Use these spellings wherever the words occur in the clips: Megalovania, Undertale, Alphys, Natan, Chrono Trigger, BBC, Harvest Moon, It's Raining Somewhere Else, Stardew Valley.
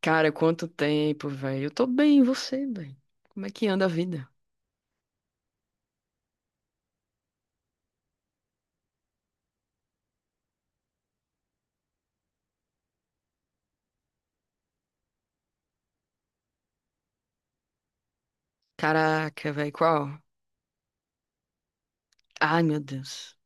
Cara, quanto tempo, velho. Eu tô bem, e você, velho? Como é que anda a vida? Caraca, velho, qual? Ai, meu Deus.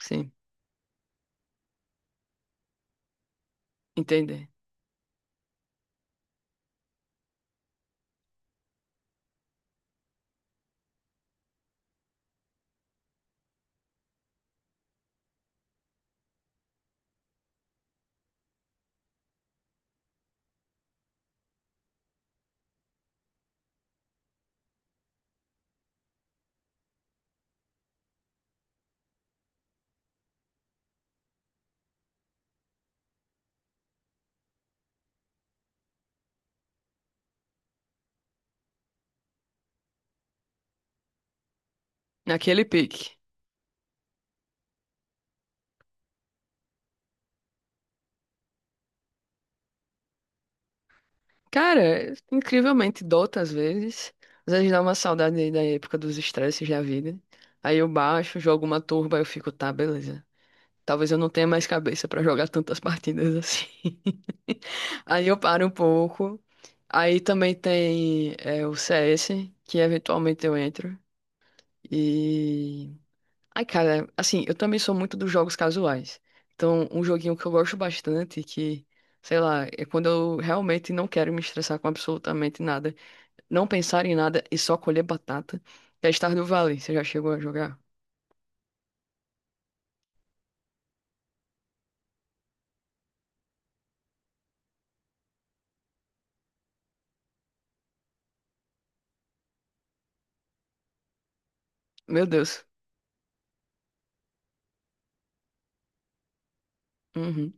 Sim, entender. Naquele pique. Cara, incrivelmente dota às vezes. Às vezes dá uma saudade aí da época dos estresses da vida. Aí eu baixo, jogo uma turba, eu fico, tá, beleza. Talvez eu não tenha mais cabeça pra jogar tantas partidas assim. Aí eu paro um pouco. Aí também tem o CS, que eventualmente eu entro. E. Ai, cara, assim, eu também sou muito dos jogos casuais. Então, um joguinho que eu gosto bastante, que, sei lá, é quando eu realmente não quero me estressar com absolutamente nada, não pensar em nada e só colher batata, é Stardew Valley. Você já chegou a jogar? Meu Deus. Uhum.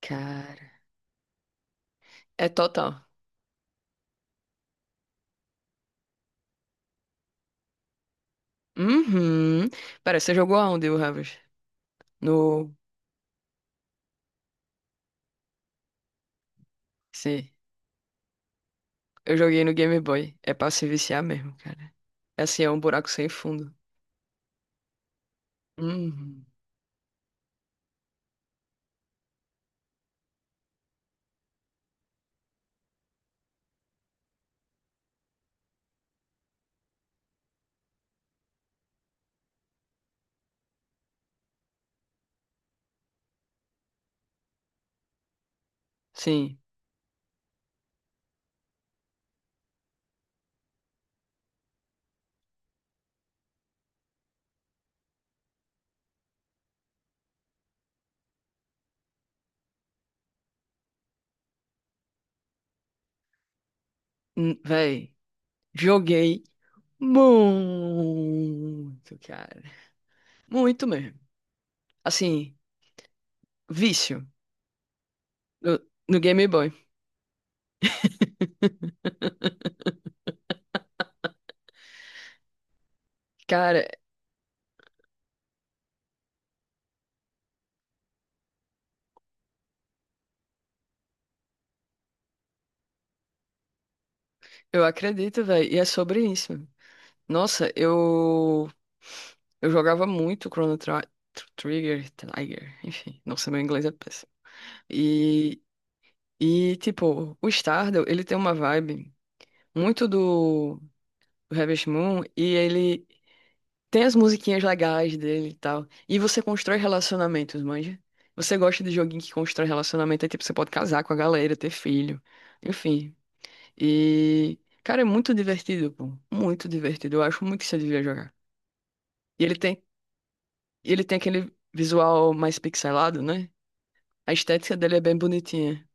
Cara, é total. Uhum. Pera, você jogou aonde, o Harvest? No. Sim. Eu joguei no Game Boy. É pra se viciar mesmo, cara. É assim, é um buraco sem fundo. Uhum. Sim. Véi, joguei muito, cara. Muito mesmo. Assim, vício no, no Game Boy. Cara, eu acredito, véi, e é sobre isso. Nossa, eu jogava muito Trigger, Trigger, enfim. Nossa, meu inglês é péssimo. E, e tipo, o Stardew, ele tem uma vibe muito do Harvest Moon e ele tem as musiquinhas legais dele e tal. E você constrói relacionamentos, manja? Você gosta de joguinho que constrói relacionamento, aí tipo, você pode casar com a galera, ter filho, enfim. E, cara, é muito divertido, pô. Muito divertido. Eu acho muito que você devia jogar. E ele tem, e ele tem aquele visual mais pixelado, né? A estética dele é bem bonitinha.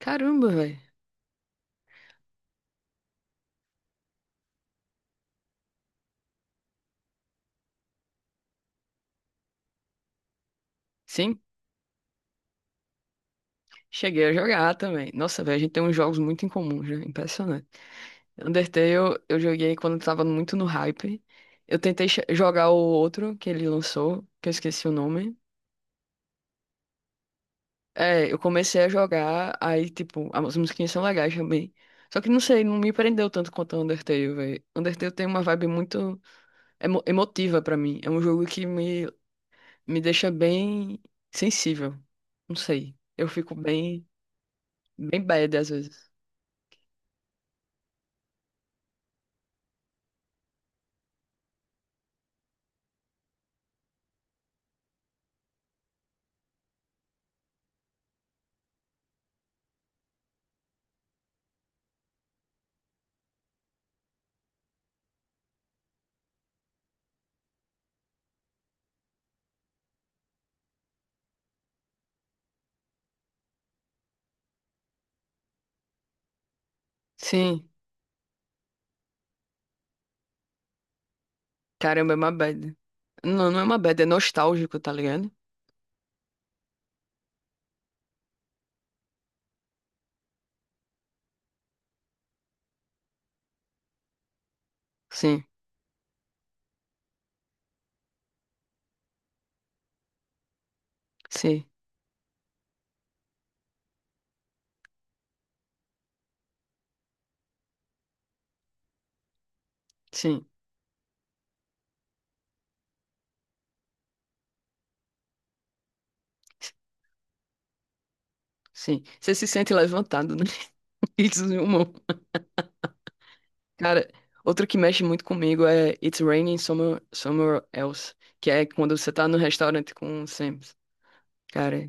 Caramba, velho. Sim, cheguei a jogar também. Nossa, velho, a gente tem uns jogos muito em comum, já. Impressionante. Undertale eu joguei quando tava muito no hype. Eu tentei jogar o outro que ele lançou, que eu esqueci o nome. É, eu comecei a jogar, aí, tipo, as musiquinhas são legais também. Só que não sei, não me prendeu tanto quanto o Undertale, velho. Undertale tem uma vibe muito emotiva pra mim. É um jogo que me deixa bem sensível. Não sei. Eu fico bem bad às vezes. Sim, caramba, é uma bad. Não, não é uma bad, é nostálgico, tá ligado? Sim, sim. Sim, sim. Você se sente levantado, né? Isso, meu irmão. Cara, outro que mexe muito comigo é It's Raining Somewhere, Somewhere Else, que é quando você tá no restaurante com o Sam. Cara,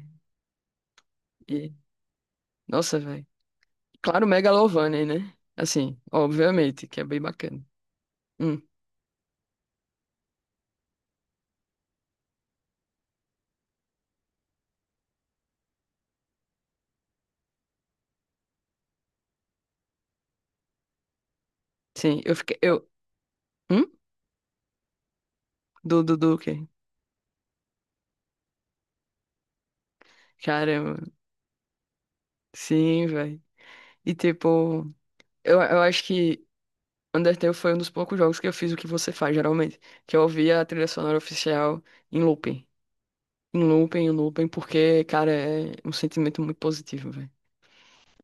e... Nossa, velho. Claro, Megalovania, né? Assim, obviamente, que é bem bacana. Hum, sim, eu fiquei... Eu... Hum? Do quê? Caramba. Sim, velho. E, tipo... Eu acho que Undertale foi um dos poucos jogos que eu fiz o que você faz, geralmente, que eu ouvia a trilha sonora oficial em looping. Em looping, em looping, porque, cara, é um sentimento muito positivo, velho.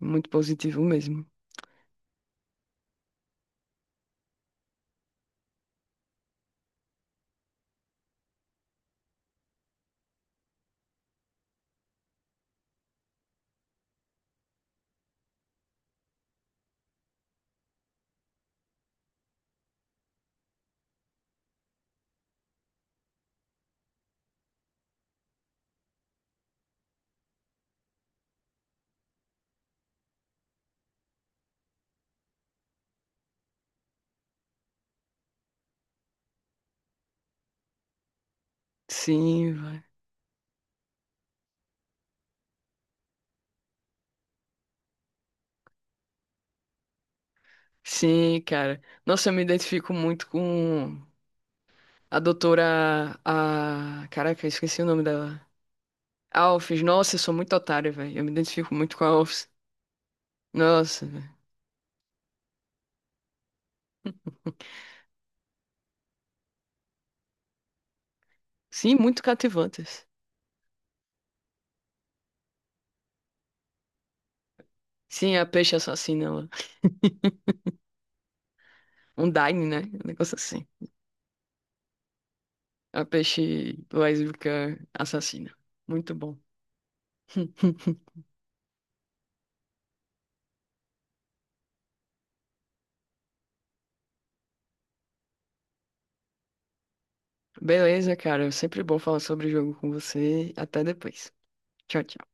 Muito positivo mesmo. Sim, velho. Sim, cara. Nossa, eu me identifico muito com a doutora. A. Caraca, eu esqueci o nome dela. Alphys. Nossa, eu sou muito otário, velho. Eu me identifico muito com a Alphys. Nossa, velho. Sim, muito cativantes. Sim, a peixe assassina, ela. Um Daine, né? Um negócio assim. A peixe lésbica assassina. Muito bom. Beleza, cara. Sempre bom falar sobre o jogo com você. Até depois. Tchau, tchau.